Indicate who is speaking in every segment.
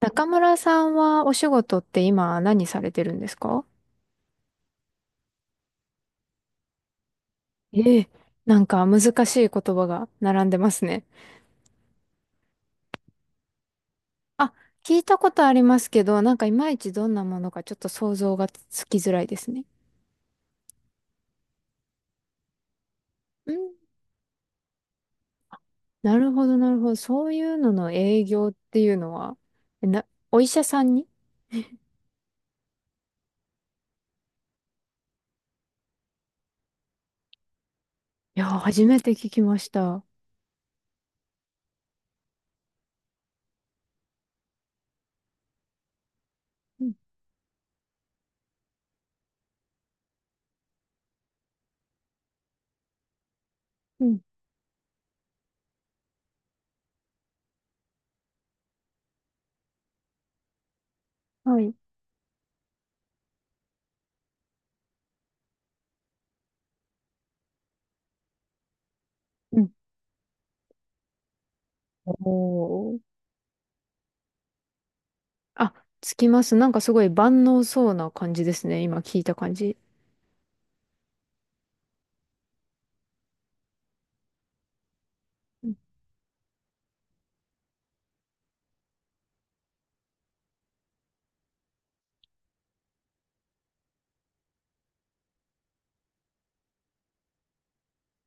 Speaker 1: 中村さんはお仕事って今何されてるんですか？ええ、なんか難しい言葉が並んでますね。あ、聞いたことありますけど、なんかいまいちどんなものかちょっと想像がつきづらいですね。うん、なるほど、なるほど。そういうのの営業っていうのは、えな、お医者さんに、いやー、初めて聞きました。うん、うん、はい。うん。おー。あ、つきます。なんかすごい万能そうな感じですね。今聞いた感じ。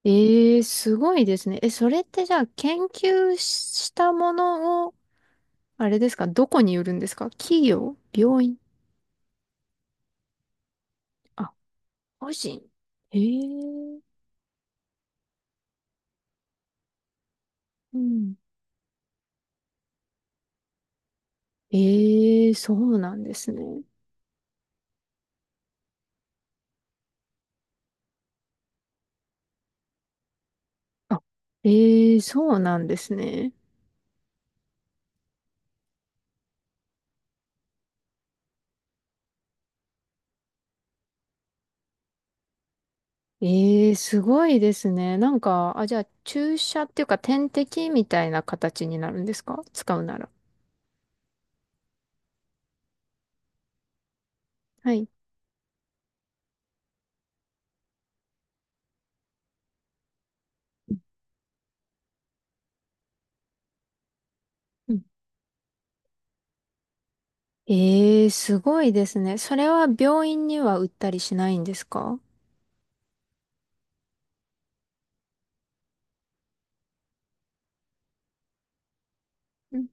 Speaker 1: ええ、すごいですね。え、それってじゃあ研究したものを、あれですか、どこに売るんですか？企業、病院？あ、個人？ええ、うん。ええ、そうなんですね。あ、ええ、そうなんですね。ええ、すごいですね。なんか、あ、じゃあ注射っていうか点滴みたいな形になるんですか、使うなら。はい。うん。ええ、すごいですね。それは病院には売ったりしないんですか？うん。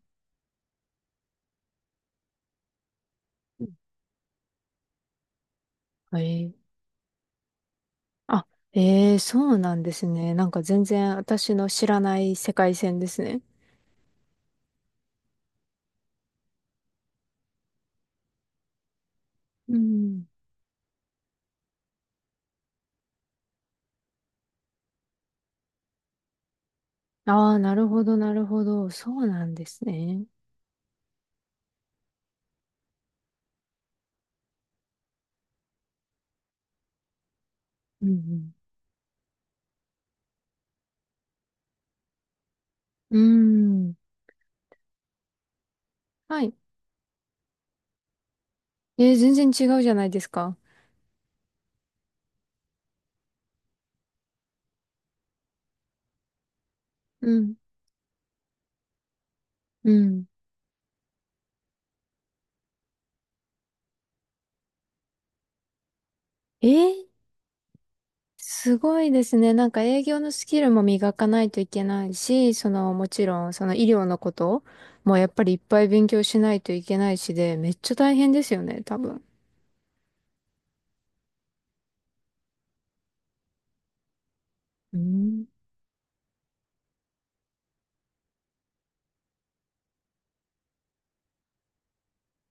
Speaker 1: はい。あ、ええ、そうなんですね。なんか全然私の知らない世界線ですね。うん。ああ、なるほど、なるほど。そうなんですね。うんうん。うーん。はい。えー、全然違うじゃないですか。うん。うん。えー、すごいですね。なんか営業のスキルも磨かないといけないし、その、もちろん、その医療のこともやっぱりいっぱい勉強しないといけないしで、めっちゃ大変ですよね、多分。うん。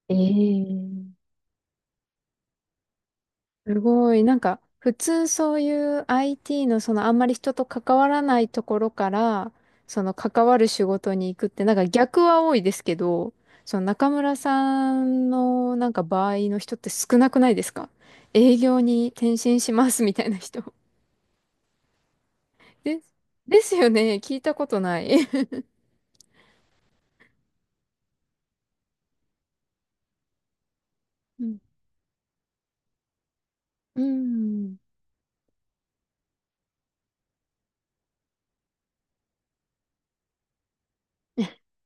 Speaker 1: ええ。すごい。なんか、普通そういう IT のそのあんまり人と関わらないところから、その関わる仕事に行くって、なんか逆は多いですけど、その中村さんのなんか場合の人って少なくないですか？営業に転身しますみたいな人。です、ですよね。聞いたことない。うん。うん。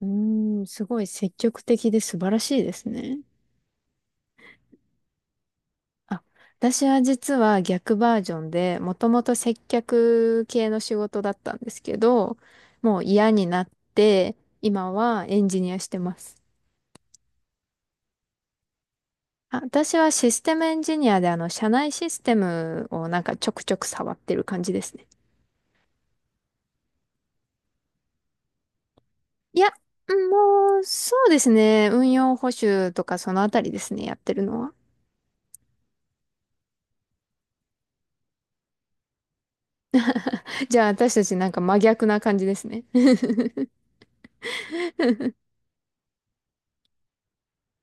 Speaker 1: うん、すごい積極的で素晴らしいですね。あ、私は実は逆バージョンで、もともと接客系の仕事だったんですけど、もう嫌になって、今はエンジニアしてます。あ、私はシステムエンジニアで、あの、社内システムをなんかちょくちょく触ってる感じですね。いや、うん、もう、そうですね。運用補修とかそのあたりですね、やってるのは。じゃあ私たちなんか真逆な感じですね。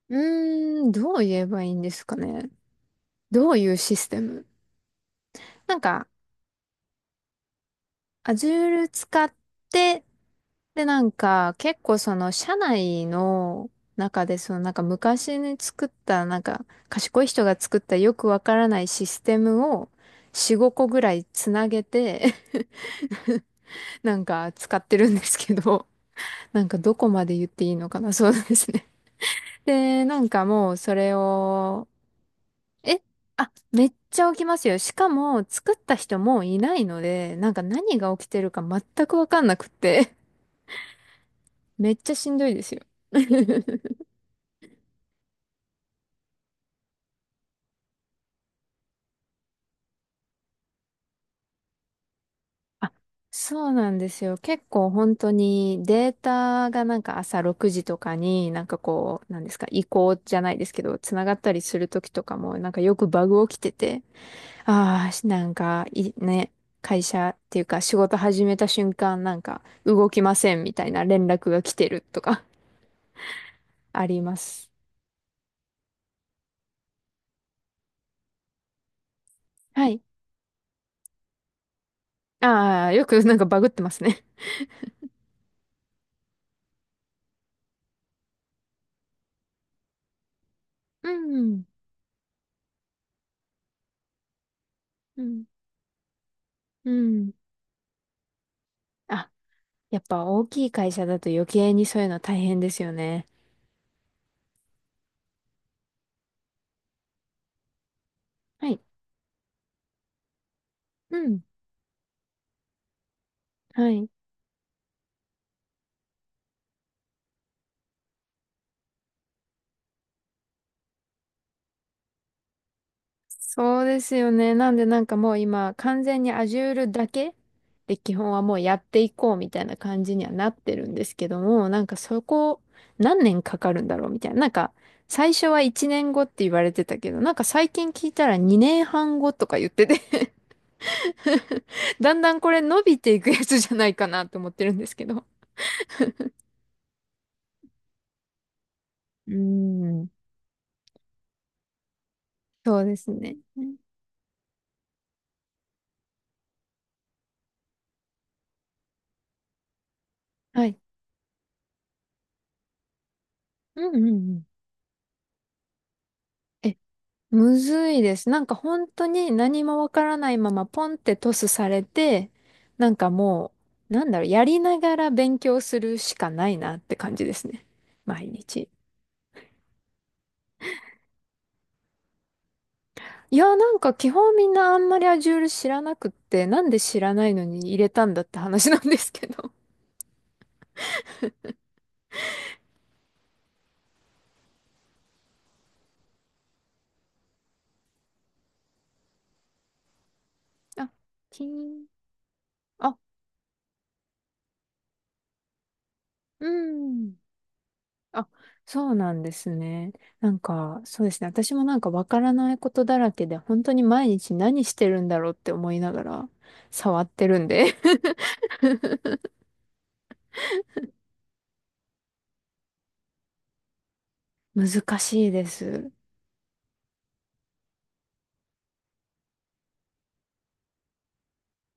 Speaker 1: うーん、どう言えばいいんですかね。どういうシステム。なんかアジュール使って、で、なんか、結構その、社内の中で、その、なんか昔に作った、なんか、賢い人が作ったよくわからないシステムを、4、5個ぐらいつなげて、なんか使ってるんですけど、なんかどこまで言っていいのかな、そうですね。で、なんかもうそれを、えあ、めっちゃ起きますよ。しかも作った人もういないので、なんか何が起きてるか全くわかんなくって。めっちゃしんどいですよ。あ、そうなんですよ。結構本当にデータがなんか朝6時とかになんかこう、なんですか、移行じゃないですけど、つながったりするときとかもなんかよくバグ起きてて、ああ、なんかい、ね、会社っていうか仕事始めた瞬間なんか動きませんみたいな連絡が来てるとか。 あります。はい。ああ、よくなんかバグってますね。うん。うん。うん。あ、やっぱ大きい会社だと余計にそういうの大変ですよね。はい。うん。はい。そうですよね。なんでなんかもう今完全に Azure だけで基本はもうやっていこうみたいな感じにはなってるんですけども、なんかそこ何年かかるんだろうみたいな。なんか最初は1年後って言われてたけど、なんか最近聞いたら2年半後とか言ってて、 だんだんこれ伸びていくやつじゃないかなと思ってるんですけど。うーん。そうですね。はい。うんうんうん。えむずいです。なんか本当に何もわからないままポンってトスされて、なんかもう、なんだろう、やりながら勉強するしかないなって感じですね。毎日。いや、なんか基本みんなあんまりアジュール知らなくって、なんで知らないのに入れたんだって話なんですけど。あ、金、あ、うん。あ、そうなんですね。なんか、そうですね。私もなんかわからないことだらけで、本当に毎日何してるんだろうって思いながら触ってるんで、 難しいです。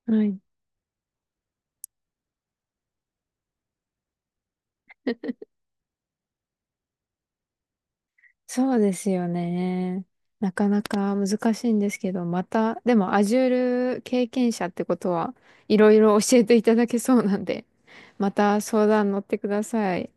Speaker 1: はい。そうですよね。なかなか難しいんですけど、また、でも Azure 経験者ってことはいろいろ教えていただけそうなんで、また相談乗ってください。